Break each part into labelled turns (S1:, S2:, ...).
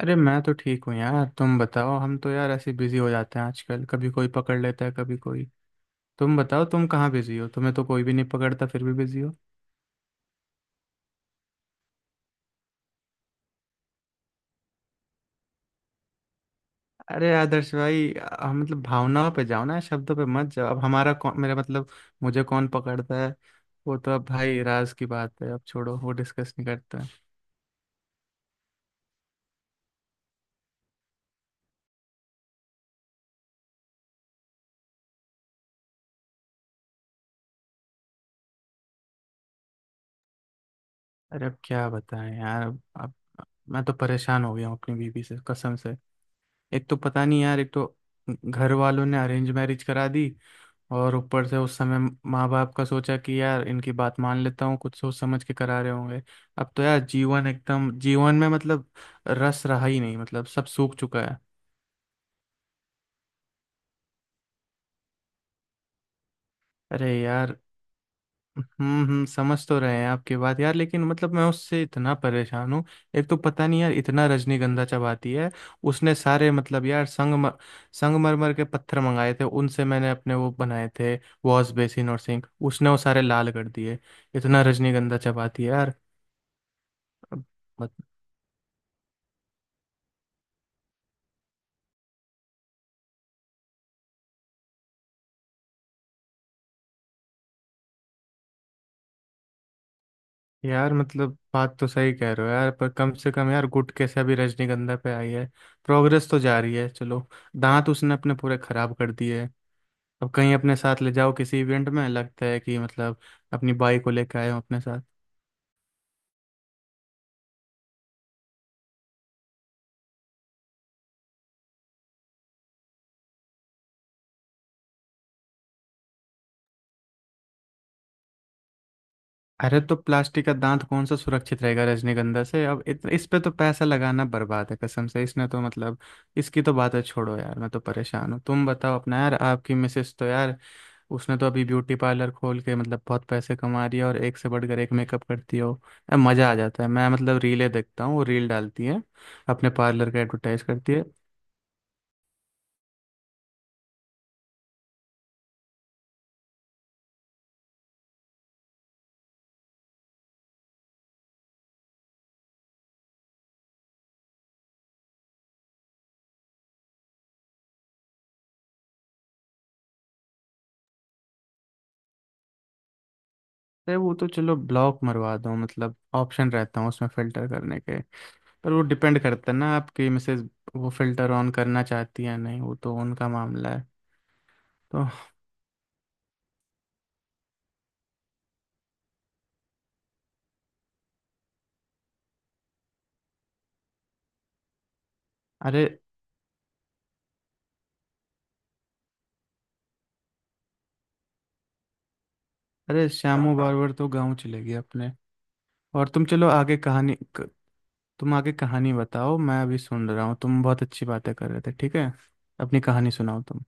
S1: अरे मैं तो ठीक हूँ यार। तुम बताओ, हम तो यार ऐसे बिजी हो जाते हैं आजकल, कभी कोई पकड़ लेता है कभी कोई। तुम बताओ तुम कहाँ बिजी हो? तुम्हें तो कोई भी नहीं पकड़ता, फिर भी बिजी हो। अरे आदर्श भाई, मतलब भावनाओं पे जाओ ना, शब्दों पे मत जाओ। अब हमारा कौन, मेरा मतलब मुझे कौन पकड़ता है? वो तो अब भाई राज की बात है, अब छोड़ो, वो डिस्कस नहीं करते हैं। अरे अब क्या बताएं यार। अब मैं तो परेशान हो गया हूँ अपनी बीवी से कसम से। एक तो पता नहीं यार, एक तो घर वालों ने अरेंज मैरिज करा दी, और ऊपर से उस समय माँ बाप का सोचा कि यार इनकी बात मान लेता हूँ, कुछ सोच समझ के करा रहे होंगे। अब तो यार जीवन, एकदम जीवन में मतलब रस रहा ही नहीं, मतलब सब सूख चुका है। अरे यार, समझ तो रहे हैं आपकी बात यार, लेकिन मतलब मैं उससे इतना परेशान हूँ। एक तो पता नहीं यार, इतना रजनीगंधा चबाती है। उसने सारे मतलब यार संगमरमर के पत्थर मंगाए थे, उनसे मैंने अपने वो बनाए थे वॉश बेसिन और सिंक, उसने वो सारे लाल कर दिए। इतना रजनीगंधा चबाती है यार। अब मत- यार मतलब बात तो सही कह रहे हो यार, पर कम से कम यार गुटके से अभी रजनीगंधा पे आई है, प्रोग्रेस तो जा रही है, चलो। दांत उसने अपने पूरे खराब कर दिए। अब कहीं अपने साथ ले जाओ किसी इवेंट में, लगता है कि मतलब अपनी बाइक को लेकर आए हो अपने साथ। अरे तो प्लास्टिक का दांत कौन सा सुरक्षित रहेगा रजनीगंधा से? अब इस पे तो पैसा लगाना बर्बाद है कसम से, इसने तो मतलब, इसकी तो बातें छोड़ो यार, मैं तो परेशान हूँ। तुम बताओ अपना यार, आपकी मिसेस तो यार, उसने तो अभी ब्यूटी पार्लर खोल के मतलब बहुत पैसे कमा रही है, और एक से बढ़कर एक मेकअप करती हो यार, मज़ा आ जाता है। मैं मतलब रीलें देखता हूँ, वो रील डालती है, अपने पार्लर का एडवर्टाइज करती है। अरे वो तो चलो ब्लॉक मरवा दो, मतलब ऑप्शन रहता है उसमें फ़िल्टर करने के, पर वो डिपेंड करता है ना आपकी मिसेज वो फ़िल्टर ऑन करना चाहती है या नहीं, वो तो उनका मामला है। तो अरे, अरे श्यामू बारबर तो गाँव चले गए अपने। और तुम चलो आगे कहानी तुम आगे कहानी बताओ, मैं अभी सुन रहा हूँ, तुम बहुत अच्छी बातें कर रहे थे, ठीक है। अपनी कहानी सुनाओ तुम।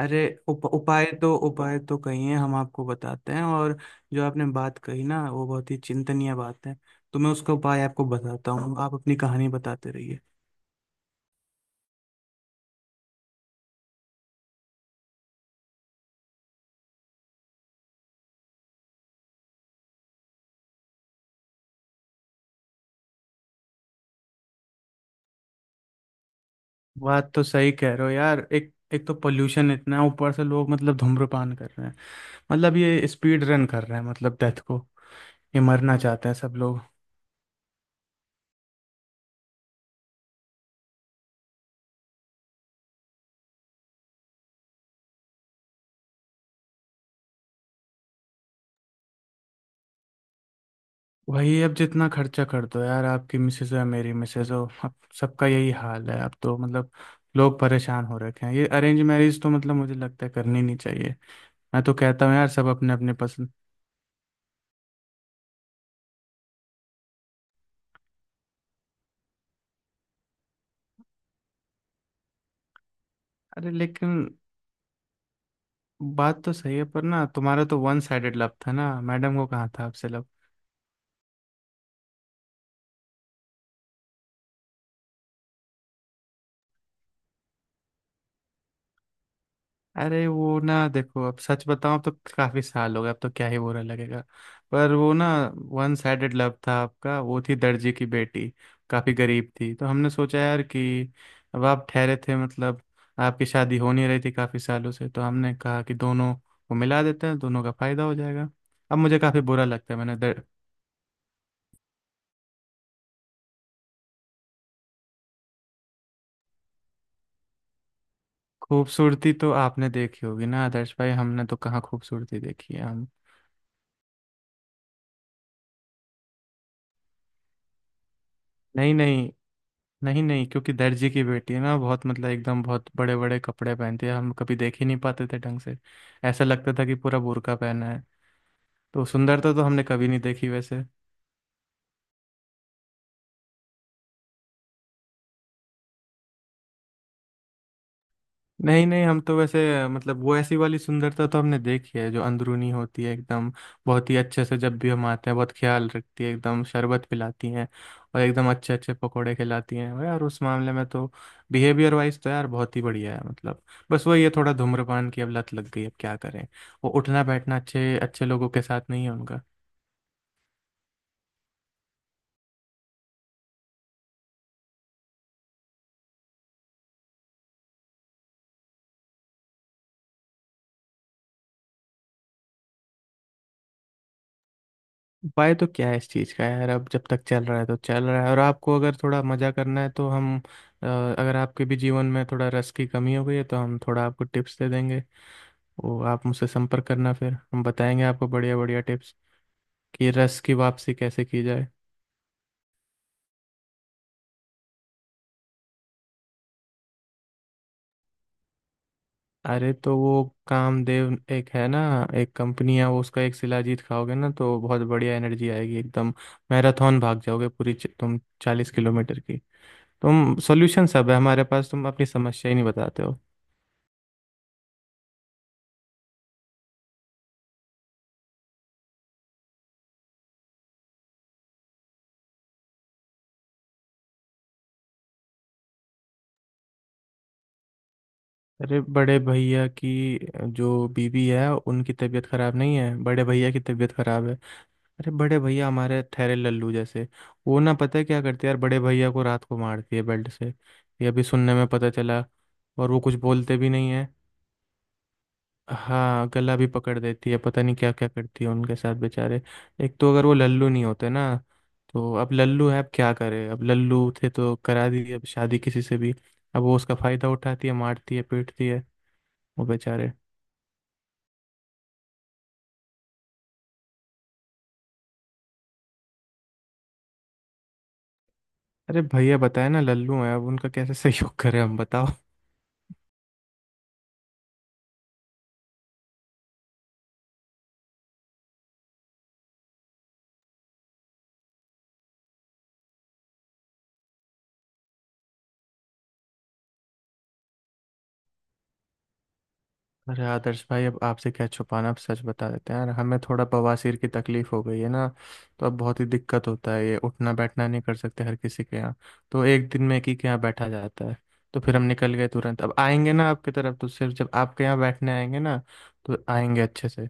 S1: अरे उपाय तो, उपाय तो कही है, हम आपको बताते हैं। और जो आपने बात कही ना वो बहुत ही चिंतनीय बात है, तो मैं उसका उपाय आपको बताता हूँ, आप अपनी कहानी बताते रहिए। बात तो सही कह रहे हो यार, एक एक तो पोल्यूशन इतना है, ऊपर से लोग मतलब धूम्रपान कर रहे हैं, मतलब ये स्पीड रन कर रहे हैं मतलब डेथ को, ये मरना चाहते हैं सब लोग। वही, अब जितना खर्चा कर दो यार, आपकी मिसेज हो या मेरी मिसेज हो, अब सबका यही हाल है। अब तो मतलब लोग परेशान हो रखे हैं, ये अरेंज मैरिज तो मतलब मुझे लगता है करनी नहीं चाहिए। मैं तो कहता हूँ यार सब अपने अपने पसंद। अरे लेकिन बात तो सही है, पर ना तुम्हारा तो वन साइडेड लव था ना, मैडम को कहाँ था आपसे लव। अरे वो ना देखो, अब सच बताऊं, अब तो काफी साल हो गए, अब तो क्या ही बुरा लगेगा, पर वो ना वन साइडेड लव था आपका। वो थी दर्जी की बेटी, काफी गरीब थी, तो हमने सोचा यार कि अब आप ठहरे थे मतलब, आपकी शादी हो नहीं रही थी काफी सालों से, तो हमने कहा कि दोनों को मिला देते हैं, दोनों का फायदा हो जाएगा। अब मुझे काफी बुरा लगता है मैंने। खूबसूरती तो आपने देखी होगी ना आदर्श भाई, हमने तो कहाँ खूबसूरती देखी है हम। नहीं नहीं, नहीं नहीं, क्योंकि दर्जी की बेटी है ना, बहुत मतलब एकदम बहुत बड़े बड़े कपड़े पहनती है, हम कभी देख ही नहीं पाते थे ढंग से, ऐसा लगता था कि पूरा बुर्का पहना है। तो सुंदरता तो हमने कभी नहीं देखी वैसे। नहीं नहीं, हम तो वैसे मतलब, वो ऐसी वाली सुंदरता तो हमने देखी है जो अंदरूनी होती है एकदम। बहुत ही अच्छे से जब भी हम आते हैं बहुत ख्याल रखती है एकदम, शरबत पिलाती हैं, और एकदम अच्छे अच्छे पकोड़े खिलाती हैं, और यार उस मामले में तो, बिहेवियर वाइज तो यार बहुत ही बढ़िया है मतलब। बस वही है, थोड़ा धूम्रपान की अब लत लग गई, अब क्या करें, वो उठना बैठना अच्छे अच्छे लोगों के साथ नहीं है। उपाय तो क्या है इस चीज़ का यार, अब जब तक चल रहा है तो चल रहा है, और आपको अगर थोड़ा मज़ा करना है तो हम, अगर आपके भी जीवन में थोड़ा रस की कमी हो गई है तो हम थोड़ा आपको टिप्स दे देंगे, वो आप मुझसे संपर्क करना, फिर हम बताएंगे आपको बढ़िया बढ़िया टिप्स कि रस की वापसी कैसे की जाए। अरे तो वो कामदेव एक है ना, एक कंपनी है वो, उसका एक शिलाजीत खाओगे ना तो बहुत बढ़िया एनर्जी आएगी एकदम, मैराथन भाग जाओगे पूरी तुम 40 किलोमीटर की। तुम सॉल्यूशन सब है हमारे पास, तुम अपनी समस्या ही नहीं बताते हो। अरे बड़े भैया की जो बीवी है उनकी तबीयत खराब नहीं है, बड़े भैया की तबीयत खराब है। अरे बड़े भैया हमारे ठहरे लल्लू जैसे, वो ना पता है क्या करते हैं यार, बड़े भैया को रात को मारती है बेल्ट से। ये अभी सुनने में पता चला, और वो कुछ बोलते भी नहीं है। हाँ गला भी पकड़ देती है, पता नहीं क्या क्या करती है उनके साथ बेचारे। एक तो अगर वो लल्लू नहीं होते ना, तो, अब लल्लू है अब क्या करे, अब लल्लू थे तो करा दी अब शादी किसी से भी, अब वो उसका फायदा उठाती है, मारती है, पीटती है वो बेचारे। अरे भैया बताए ना लल्लू है, अब उनका कैसे सहयोग करें हम बताओ। अरे आदर्श भाई अब आपसे क्या छुपाना, अब सच बता देते हैं यार, हमें थोड़ा बवासीर की तकलीफ हो गई है ना, तो अब बहुत ही दिक्कत होता है, ये उठना बैठना नहीं कर सकते हर किसी के यहाँ, तो एक दिन में एक ही के यहाँ बैठा जाता है, तो फिर हम निकल गए तुरंत। अब आएंगे ना आपकी तरफ तो सिर्फ जब आपके यहाँ बैठने आएंगे ना, तो आएंगे अच्छे से।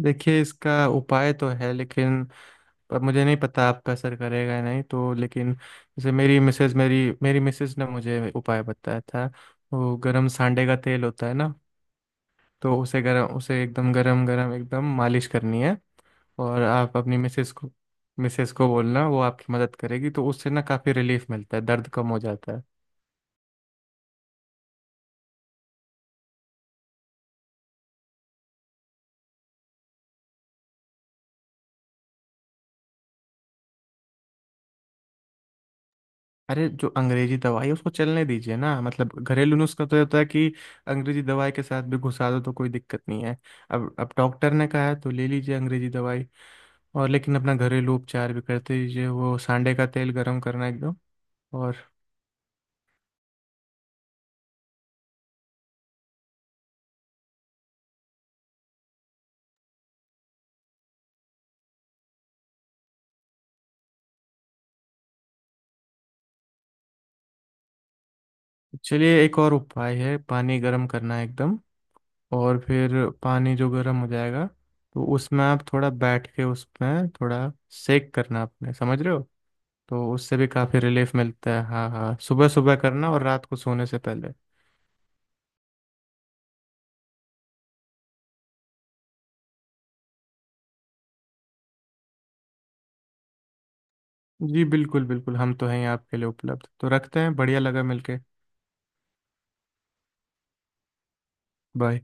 S1: देखिए इसका उपाय तो है लेकिन, पर मुझे नहीं पता आपका असर करेगा या नहीं तो, लेकिन जैसे मेरी मिसेज, मेरी मेरी मिसेज ने मुझे उपाय बताया था, वो गरम सांडे का तेल होता है ना, तो उसे गरम, उसे एकदम गरम गरम एकदम मालिश करनी है। और आप अपनी मिसेज को बोलना, वो आपकी मदद करेगी, तो उससे ना काफ़ी रिलीफ मिलता है, दर्द कम हो जाता है। अरे जो अंग्रेजी दवाई है उसको चलने दीजिए ना, मतलब घरेलू नुस्खा तो ये होता है कि अंग्रेजी दवाई के साथ भी घुसा दो तो कोई दिक्कत नहीं है। अब डॉक्टर ने कहा है तो ले लीजिए अंग्रेजी दवाई, और लेकिन अपना घरेलू उपचार भी करते रहिए, वो सांडे का तेल गर्म करना एकदम। और चलिए एक और उपाय है, पानी गर्म करना एकदम, और फिर पानी जो गर्म हो जाएगा तो उसमें आप थोड़ा बैठ के, उसमें थोड़ा सेक करना अपने, समझ रहे हो? तो उससे भी काफ़ी रिलीफ मिलता है। हाँ हाँ, सुबह सुबह करना और रात को सोने से पहले। जी बिल्कुल बिल्कुल, हम तो हैं ही आपके लिए, उपलब्ध तो रखते हैं, बढ़िया लगा मिलके। बाय।